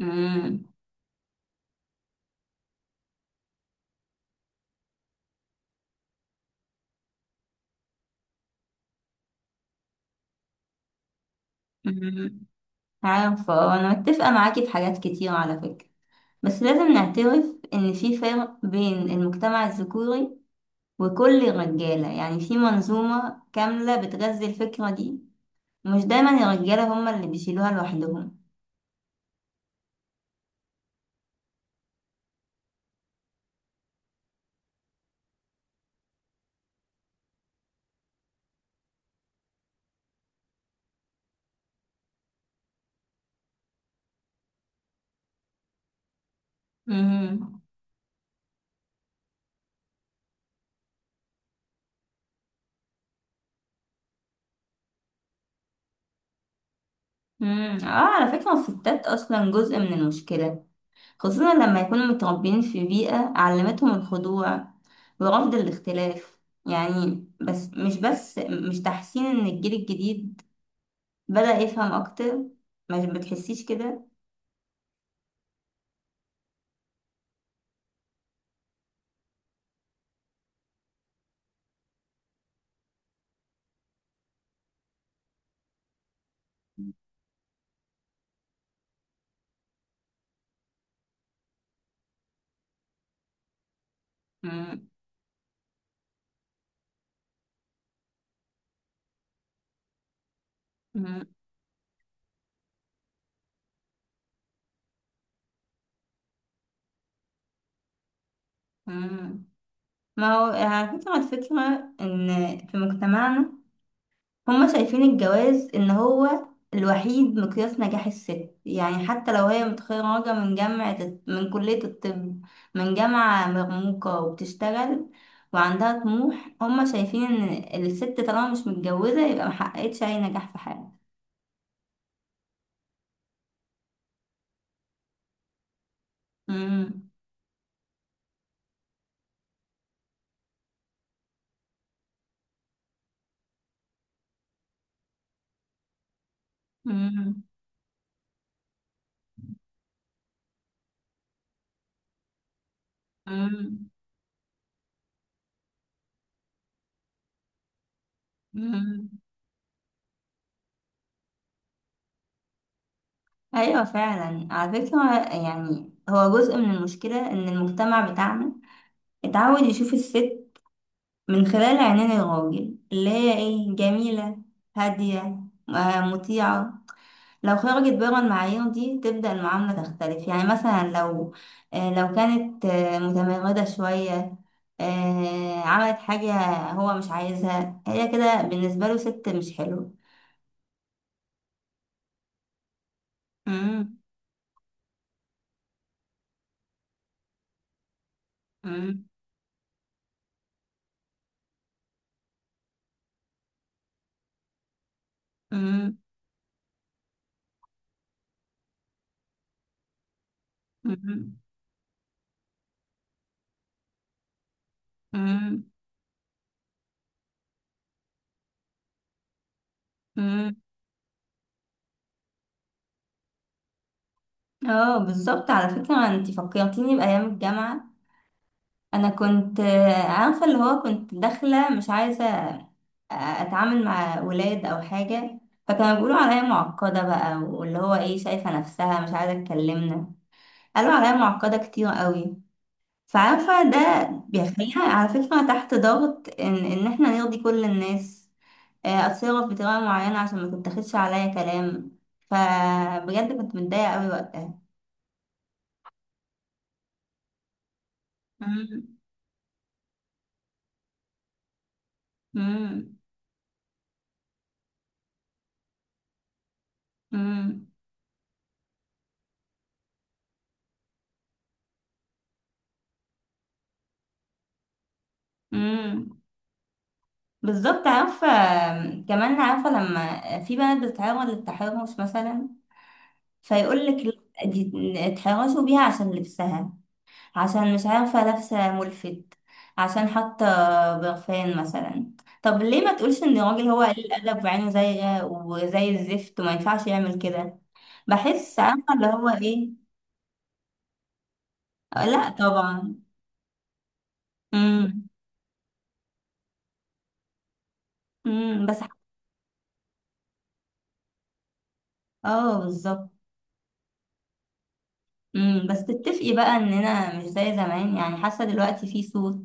امم. امم. عارفة، آه، أنا متفقة معاكي في حاجات كتير على فكرة. بس لازم نعترف إن في فرق بين المجتمع الذكوري وكل الرجالة، يعني في منظومة كاملة بتغذي الفكرة دي. مش دايما الرجالة هما اللي بيشيلوها لوحدهم. امم. امم. اه، على فكرة الستات أصلا جزء من المشكلة، خصوصا لما يكونوا متربيين في بيئة علمتهم الخضوع ورفض الاختلاف. يعني بس مش تحسين إن الجيل الجديد بدأ يفهم أكتر؟ ما بتحسيش كده؟ مم. مم. مم. ما هو على فكرة الفكرة إن في مجتمعنا هما شايفين الجواز إن هو الوحيد مقياس نجاح الست، يعني حتى لو هي متخرجة من جامعة من كلية الطب، من جامعة مرموقة وبتشتغل وعندها طموح، هما شايفين إن الست طالما مش متجوزة يبقى محققتش أي نجاح في حياتها. مم. مم. مم. مم. ايوه فعلا على فكره، يعني هو جزء من المشكله ان المجتمع بتاعنا اتعود يشوف الست من خلال عينين الراجل، اللي هي ايه، جميله، هاديه، مطيعه. لو خرجت بره المعايير دي تبدا المعامله تختلف، يعني مثلا لو كانت متمرده شويه، عملت حاجه، هو مش عايزها، هي كده بالنسبه له ست مش حلوه. مم. مم. مم. مم. مم. مم. اه، بالظبط، على فكرة انت فكرتيني بأيام الجامعة. انا كنت، عارفة، اللي هو كنت داخلة مش عايزة، اتعامل مع ولاد او حاجة، فكانوا بيقولوا عليا معقدة بقى، واللي هو ايه، شايفة نفسها مش عايزة تكلمنا. قالوا عليا معقدة كتير قوي. فعارفة ده بيخليها على فكرة تحت ضغط ان احنا نرضي كل الناس. آه، اتصرف بطريقة معينة عشان ما تتاخدش عليا كلام. فبجد كنت متضايقة قوي وقتها. مم. مم. امم. امم. بالظبط، عارفه كمان، عارفه لما في بنات بتتعرض للتحرش مثلا، فيقول لك لا، دي اتحرشوا بيها عشان لبسها، عشان مش عارفه لابسه ملفت، عشان حاطه برفان مثلا. طب ليه ما تقولش ان الراجل هو قليل الادب وعينه زايغه وزي الزفت وما ينفعش يعمل كده؟ بحس، عارفه اللي هو ايه. آه، لا طبعا. امم. امم، بس، اه، بالظبط. بس تتفقي بقى اننا مش زي زمان، يعني حاسه دلوقتي في صوت،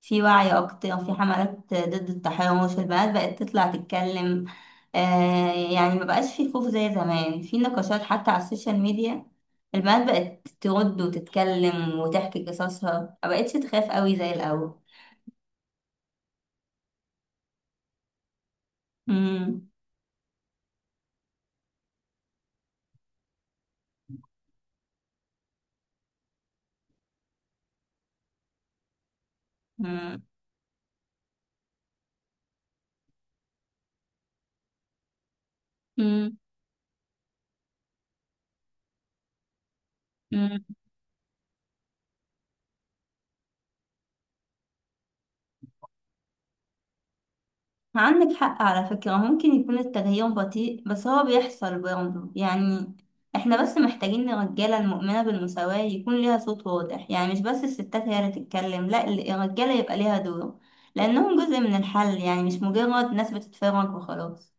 في وعي اكتر، في حملات ضد التحرش، البنات بقت تطلع تتكلم. آه يعني ما بقاش في خوف زي زمان، في نقاشات حتى على السوشيال ميديا، البنات بقت ترد وتتكلم وتحكي قصصها، ما بقتش تخاف قوي زي الاول. امم. امم. عندك حق على فكرة، ممكن يكون التغيير بطيء بس هو بيحصل برضه، يعني احنا بس محتاجين الرجالة المؤمنة بالمساواة يكون ليها صوت واضح، يعني مش بس الستات هي اللي تتكلم، لا، الرجالة يبقى ليها دور، لأنهم جزء من الحل، يعني مش مجرد ناس بتتفرج وخلاص.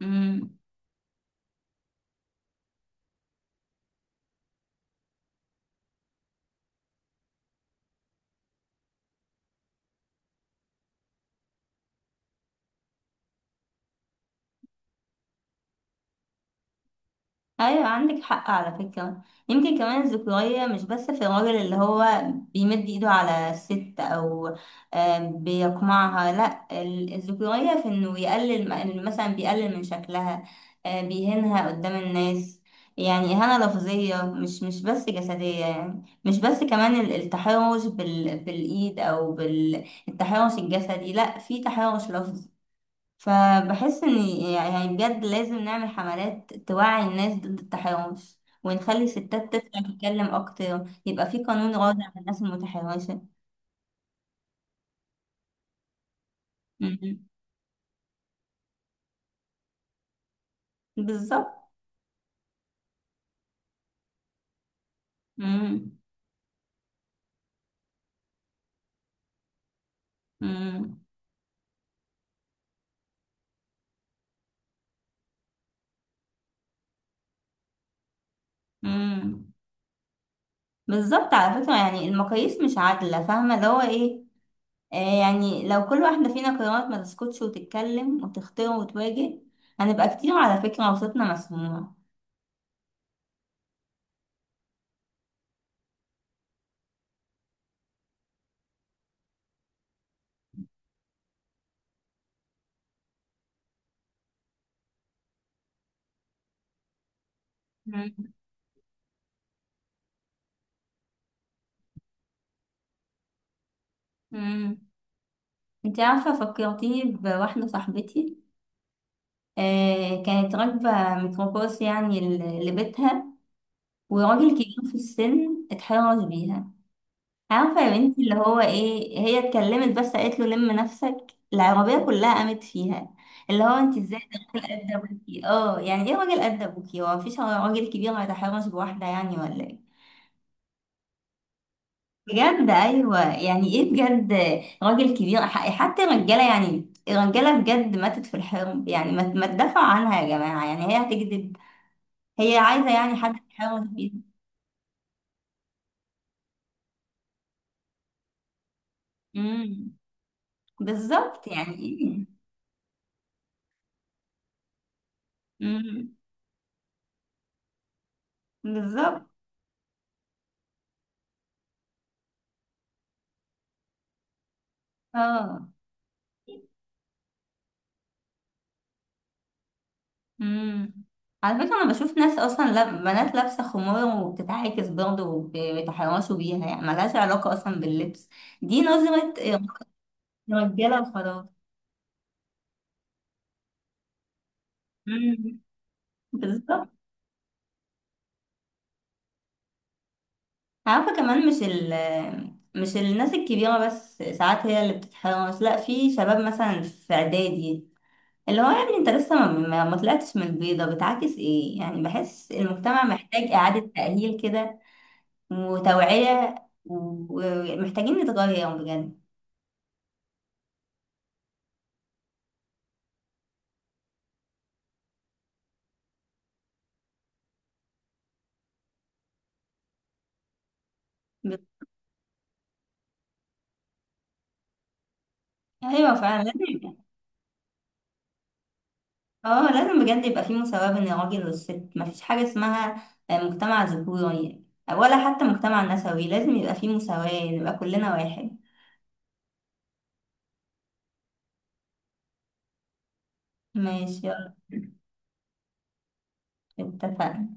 مم. ايوه عندك حق على فكرة. يمكن كمان الذكورية مش بس في الراجل اللي هو بيمد ايده على الست او بيقمعها، لا، الذكورية في انه يقلل، مثلا بيقلل من شكلها، بيهينها قدام الناس، يعني إهانة لفظية، مش بس جسدية، يعني مش بس كمان التحرش بالإيد أو بالتحرش الجسدي، لأ في تحرش لفظي. فبحس ان، يعني بجد لازم نعمل حملات توعي الناس ضد التحرش، ونخلي الستات تطلع تتكلم اكتر، يبقى في قانون راضع عن الناس المتحرشة. مم. بالظبط. مم. مم. مم. بالظبط على فكرة، يعني المقاييس مش عادلة، فاهمة اللي هو ايه. آه يعني لو كل واحدة فينا قررت ما تسكتش وتتكلم وتختار وتواجه، هنبقى كتير على فكرة وصوتنا مسموع. مم. مم. انت عارفة فكرتيني بواحدة صاحبتي، كانت راكبة ميكروباص يعني لبيتها، وراجل كبير في السن اتحرش بيها. عارفة يا بنتي اللي هو ايه، هي اتكلمت بس، قالت له لم نفسك. العربية كلها قامت فيها، اللي هو انت ازاي، ده راجل قد ابوكي. اه يعني ايه راجل قد ابوكي؟ هو مفيش راجل كبير هيتحرش بواحدة يعني، ولا ايه؟ بجد ايوه، يعني ايه بجد، راجل كبير. حتى الرجاله، يعني الرجاله بجد ماتت في الحرب، يعني ما تدافعوا عنها يا جماعه، يعني هي هتكذب؟ هي عايزة يعني حد يحاول فيها. امم. بالظبط يعني. امم. بالظبط. اه. امم. على فكرة أنا بشوف ناس أصلا، بنات لابسة خمار وبتتعاكس برضه وبيتحرشوا بيها، يعني ملهاش علاقة أصلا باللبس، دي نظرة رجالة وخلاص. امم. بالظبط، عارفة كمان مش ال مش الناس الكبيرة بس ساعات هي اللي بتتحرش، لا، في شباب مثلا في إعدادي، اللي هو يعني انت لسه، ما طلعتش من البيضة، بتعاكس ايه يعني؟ بحس المجتمع محتاج إعادة تأهيل كده، وتوعية و- ومحتاجين نتغير بجد. ب- ايوه فعلا لازم. اه لازم بجد يبقى في مساواة بين الراجل والست، مفيش حاجة اسمها مجتمع ذكوري ولا حتى مجتمع نسوي، لازم يبقى في مساواة نبقى كلنا واحد. ماشي، يلا. اتفقنا.